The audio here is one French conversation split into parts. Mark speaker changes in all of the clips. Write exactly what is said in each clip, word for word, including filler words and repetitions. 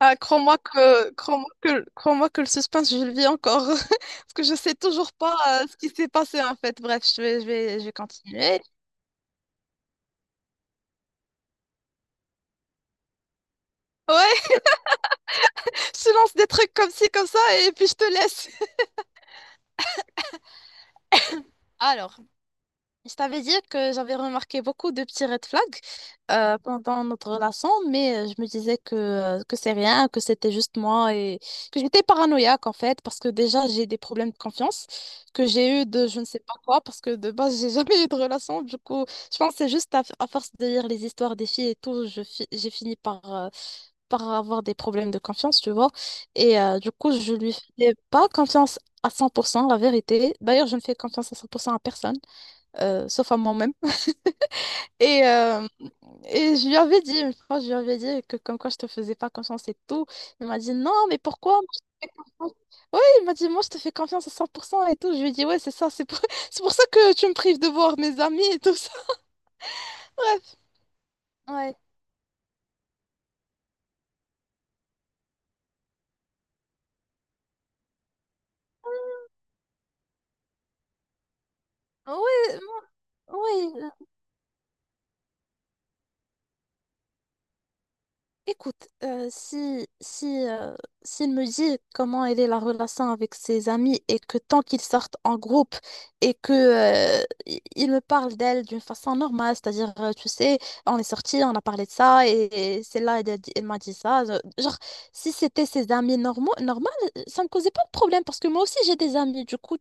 Speaker 1: Ah, crois-moi que, crois-moi que, crois-moi que le suspense, je le vis encore. Parce que je sais toujours pas euh, ce qui s'est passé en fait. Bref, je vais, je vais, je vais continuer. Ouais, je te lance des trucs comme ci, comme ça, et puis je te laisse. Alors. Je t'avais dit que j'avais remarqué beaucoup de petits red flags euh, pendant notre relation, mais euh, je me disais que, euh, que c'est rien, que c'était juste moi et que j'étais paranoïaque en fait, parce que déjà j'ai des problèmes de confiance que j'ai eu de je ne sais pas quoi, parce que de base j'ai jamais eu de relation. Du coup, je pense que c'est juste à, à force de lire les histoires des filles et tout, je fi- j'ai fini par, euh, par avoir des problèmes de confiance, tu vois. Et euh, du coup, je lui faisais pas confiance à cent pour cent, la vérité. D'ailleurs, je ne fais confiance à cent pour cent à personne, euh, sauf à moi-même. Et, euh, et je lui avais dit, une fois, je lui avais dit que comme quoi je te faisais pas confiance et tout. Il m'a dit, non, mais pourquoi? Oui, il m'a dit, moi, je te fais confiance à cent pour cent et tout. Je lui ai dit, ouais, c'est ça, c'est pour... c'est pour ça que tu me prives de voir mes amis et tout ça. Bref, ouais. Ouais, moi- ouais, écoute, euh, si, si, euh, s'il me dit comment elle est la relation avec ses amis et que tant qu'ils sortent en groupe et que, euh, i- il me parle d'elle d'une façon normale, c'est-à-dire, euh, tu sais, on est sortis, on a parlé de ça et, et c'est là, elle, a dit- elle m'a dit ça. euh, Genre, si c'était ses amis normaux, normal, euh, ça me causait pas de problème parce que moi aussi j'ai des amis, du coup,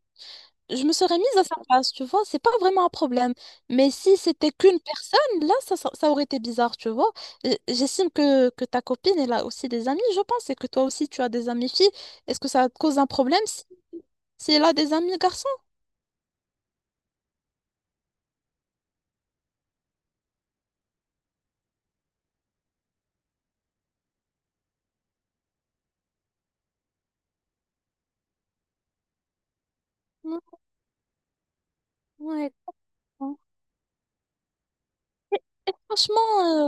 Speaker 1: je me serais mise à sa place, tu vois, c'est pas vraiment un problème. Mais si c'était qu'une personne, là, ça, ça, ça aurait été bizarre, tu vois. Euh, J'estime que, que ta copine, elle a aussi des amis, je pense, et que toi aussi, tu as des amis filles. Est-ce que ça te cause un problème si, si elle a des amis garçons? Ouais, ouais, exactement. Et, et franchement, euh,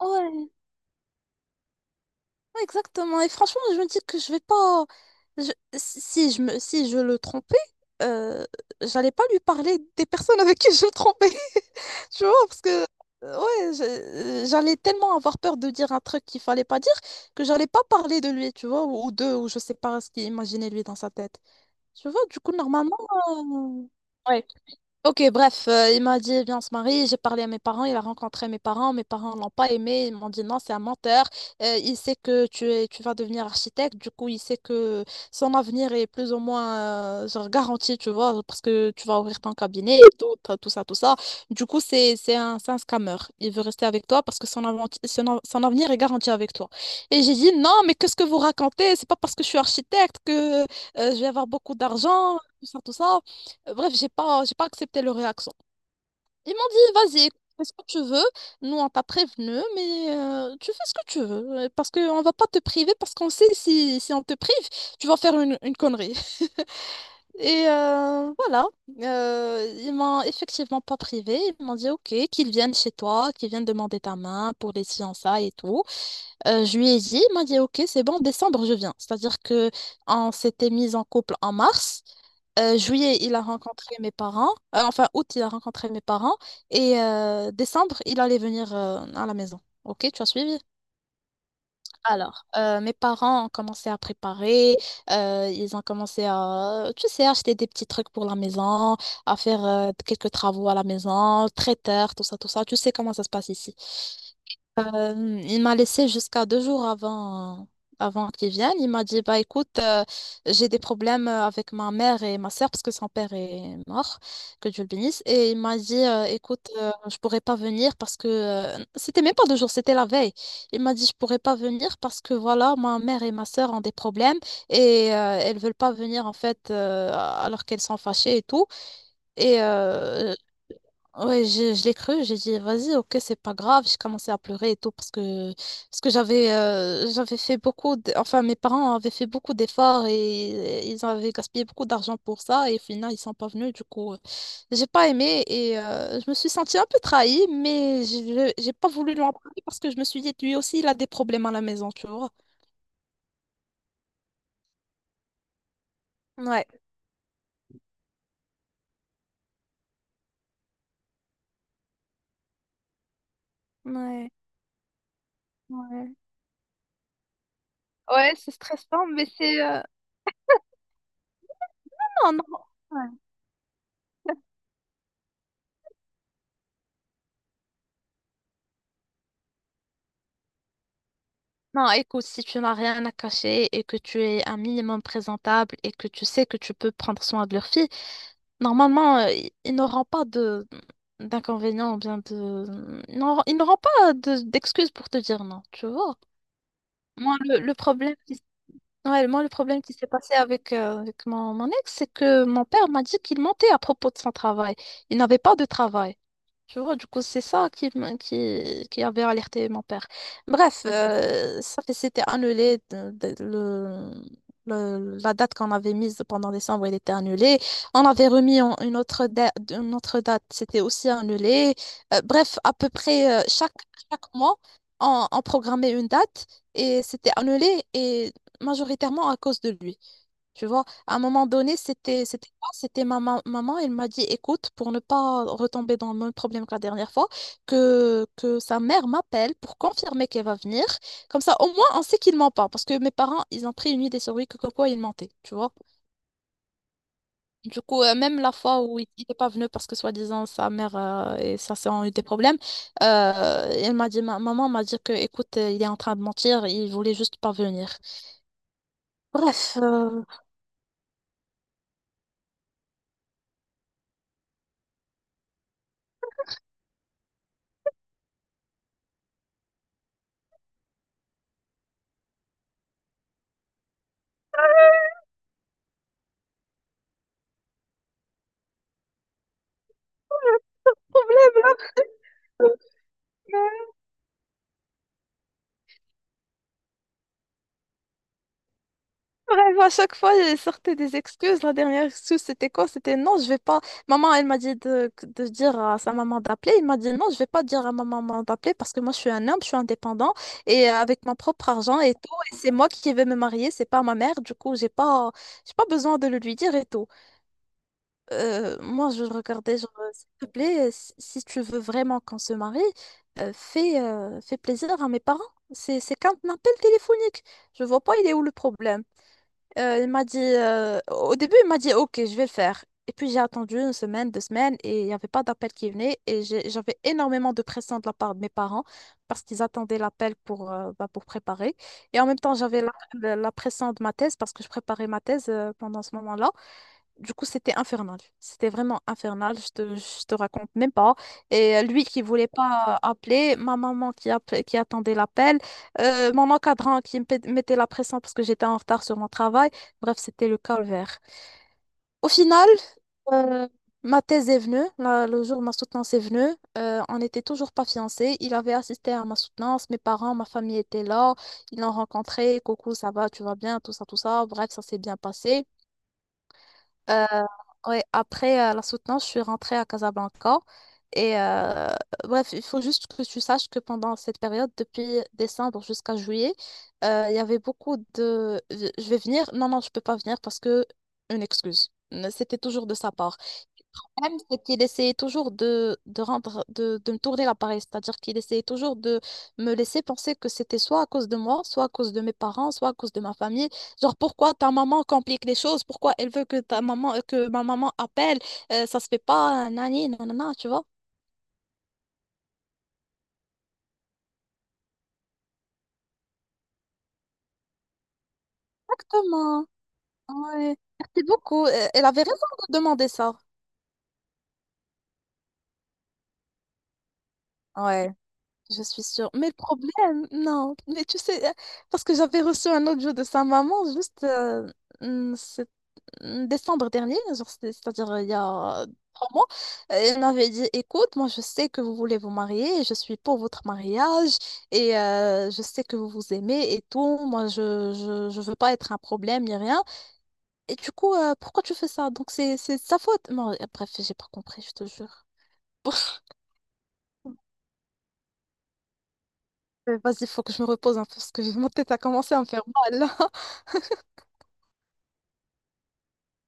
Speaker 1: ouais, ouais, exactement. Et franchement, je me dis que je vais pas. je- si si je me, si je le trompais, euh, j'allais pas lui parler des personnes avec qui je le trompais. Tu vois, parce que euh, ouais, je- euh, j'allais tellement avoir peur de dire un truc qu'il fallait pas dire que j'allais pas parler de lui, tu vois, ou, ou d'eux, ou je sais pas ce qu'il imaginait lui dans sa tête. Tu vois, du coup, normalement. euh, ouais. Ok, bref, euh, il m'a dit, viens, on se marie. J'ai parlé à mes parents, il a rencontré mes parents. Mes parents l'ont pas aimé. Ils m'ont dit, non, c'est un menteur. Euh, il sait que tu es, tu vas devenir architecte. Du coup, il sait que son avenir est plus ou moins euh, genre garanti, tu vois, parce que tu vas ouvrir ton cabinet et tout, t'as tout ça, tout ça. Du coup, c'est, c'est un, c'est un scammer. Il veut rester avec toi parce que son, avanti- son, av- son avenir est garanti avec toi. Et j'ai dit, non, mais qu'est-ce que vous racontez? C'est pas parce que je suis architecte que euh, je vais avoir beaucoup d'argent, tout ça, tout ça. Euh, Bref, j'ai pas, j'ai pas accepté leur réaction. Ils m'ont dit, vas-y, fais ce que tu veux. Nous, on t'a prévenu, mais euh, tu fais ce que tu veux. euh, Parce qu'on va pas te priver, parce qu'on sait si, si on te prive, tu vas faire une, une connerie. Et euh, voilà. Euh, ils m'ont effectivement pas privé. Ils m'ont dit, ok, qu'ils viennent chez toi, qu'ils viennent demander ta main pour les fiançailles et tout. Euh, je lui ai dit, il m'a dit, ok, c'est bon, en décembre, je viens. C'est-à-dire que on s'était mis en couple en mars. Euh, juillet, il a rencontré mes parents. Euh, enfin, août, il a rencontré mes parents. Et euh, décembre, il allait venir euh, à la maison. Ok, tu as suivi? Alors, euh, mes parents ont commencé à préparer, euh, ils ont commencé à, tu sais, acheter des petits trucs pour la maison, à faire euh, quelques travaux à la maison, traiteur, tout ça, tout ça. Tu sais comment ça se passe ici. Euh, il m'a laissé jusqu'à deux jours avant, avant qu'il vienne. Il m'a dit, bah écoute, euh, j'ai des problèmes euh, avec ma mère et ma sœur parce que son père est mort, que Dieu le bénisse. Et il m'a dit, euh, écoute, euh, je pourrais pas venir parce que euh, c'était même pas deux jours, c'était la veille. Il m'a dit, je pourrais pas venir parce que voilà, ma mère et ma sœur ont des problèmes et euh, elles veulent pas venir en fait euh, alors qu'elles sont fâchées et tout. Et euh, Ouais, je, je l'ai cru, j'ai dit vas-y, ok, c'est pas grave. J'ai commencé à pleurer et tout parce que, parce que j'avais euh, j'avais fait beaucoup, d'- enfin mes parents avaient fait beaucoup d'efforts et, ils avaient gaspillé beaucoup d'argent pour ça et au final ils sont pas venus. Du coup, euh, j'ai pas aimé et euh, je me suis sentie un peu trahie, mais je- j'ai pas voulu lui en parler parce que je me suis dit lui aussi il a des problèmes à la maison, tu vois. Ouais, ouais, ouais. Ouais, c'est stressant, mais c'est... euh, non, non. Non, écoute, si tu n'as rien à cacher et que tu es un minimum présentable et que tu sais que tu peux prendre soin de leur fille, normalement, euh, i- ils n'auront pas de d'inconvénients ou bien de... Ils n'auront ils n'auront pas de- d'excuses pour te dire non, tu vois. Moi, le, le problème qui... s- Ouais, moi, le problème qui s'est passé avec, euh, avec mon, mon ex, c'est que mon père m'a dit qu'il mentait à propos de son travail. Il n'avait pas de travail. Tu vois, du coup, c'est ça qui, m- qui, qui avait alerté mon père. Bref, euh, ça fait, c'était annulé. de- de- le, le- la date qu'on avait mise pendant décembre, elle était annulée. On avait remis en- une autre, da- une autre date, c'était aussi annulé. Euh, bref, à peu près euh, chaque, chaque mois, on, on programmait une date et c'était annulé et majoritairement à cause de lui. Tu vois, à un moment donné, c'était c'était moi, c'était ma ma- maman, elle m'a dit, écoute, pour ne pas retomber dans le même problème que la dernière fois, que, que sa mère m'appelle pour confirmer qu'elle va venir. Comme ça, au moins, on sait qu'il ment pas. Parce que mes parents, ils ont pris une idée sur lui que comme quoi il mentait, tu vois. Du coup, euh, même la fois où il n'était pas venu parce que soi-disant sa mère euh, et sa sœur ont eu des problèmes, euh, elle m'a dit, ma maman m'a dit que, écoute, euh, il est en train de mentir, il voulait juste pas venir. Bref, euh, Bref, à chaque fois, elle sortait des excuses. La dernière excuse, c'était quoi? C'était non, je vais pas. Maman, elle m'a dit de, de, dire à sa maman d'appeler. Il m'a dit non, je vais pas dire à ma maman d'appeler parce que moi, je suis un homme, je suis indépendant et euh, avec mon propre argent et tout. Et c'est moi qui vais me marier, c'est pas ma mère. Du coup, j'ai pas, j'ai pas besoin de le lui dire et tout. Euh, moi, je le regardais, genre, euh, s'il te plaît, euh, si si tu veux vraiment qu'on se marie, euh, fais, euh, fais plaisir à mes parents. C'est, c'est qu'un appel téléphonique. Je vois pas, il est où le problème. Euh, il m'a dit, euh, au début, il m'a dit, ok, je vais le faire. Et puis j'ai attendu une semaine, deux semaines, et il n'y avait pas d'appel qui venait. Et j'ai- j'avais énormément de pression de la part de mes parents parce qu'ils attendaient l'appel pour, euh, bah, pour préparer. Et en même temps, j'avais la, la- la pression de ma thèse parce que je préparais ma thèse euh, pendant ce moment-là. Du coup, c'était infernal. C'était vraiment infernal. Je te, je te raconte même pas. Et euh, lui qui voulait pas appeler, ma maman qui, app- qui attendait l'appel, euh, mon encadrant qui me pét- mettait la pression parce que j'étais en retard sur mon travail. Bref, c'était le calvaire. Au final, euh, ma thèse est venue. La- le jour où ma soutenance est venue, euh, on n'était toujours pas fiancés. Il avait assisté à ma soutenance. Mes parents, ma famille étaient là. Ils l'ont rencontré. Coucou, ça va, tu vas bien, tout ça, tout ça. Bref, ça s'est bien passé. Euh, ouais, après euh, la soutenance, je suis rentrée à Casablanca. Et euh, Bref, il faut juste que tu saches que pendant cette période, depuis décembre jusqu'à juillet, euh, il y avait beaucoup de je je vais venir, non, non, je peux pas venir parce que une excuse. C'était toujours de sa part. Le problème, c'est qu'il essayait toujours de, de rendre, de, de me tourner la pareille, c'est-à-dire qu'il essayait toujours de me laisser penser que c'était soit à cause de moi, soit à cause de mes parents, soit à cause de ma famille. Genre, pourquoi ta maman complique les choses? Pourquoi elle veut que ta maman, euh, que ma maman appelle? Euh, ça se fait pas, euh, nani, nanana, tu vois? Exactement. Ouais. Merci beaucoup. Euh, Elle avait raison de demander ça. Ouais. Je suis sûre. Mais le problème, non. Mais tu sais, euh, parce que j'avais reçu un autre jeu de sa maman juste euh, mm, c'est- mm, décembre dernier, genre, c'est- c'est-à-dire euh, il y a euh, trois mois. Euh, Elle m'avait dit, écoute, moi je sais que vous voulez vous marier, je suis pour votre mariage et euh, je sais que vous vous aimez et tout. Moi, je, je, je veux pas être un problème ni rien. Et du coup, euh, pourquoi tu fais ça? Donc c'est, c'est de sa faute. Moi, euh, bref, j'ai pas compris, je te jure. Euh, Vas-y, il faut que je me repose un peu parce que mon tête a commencé à me faire mal.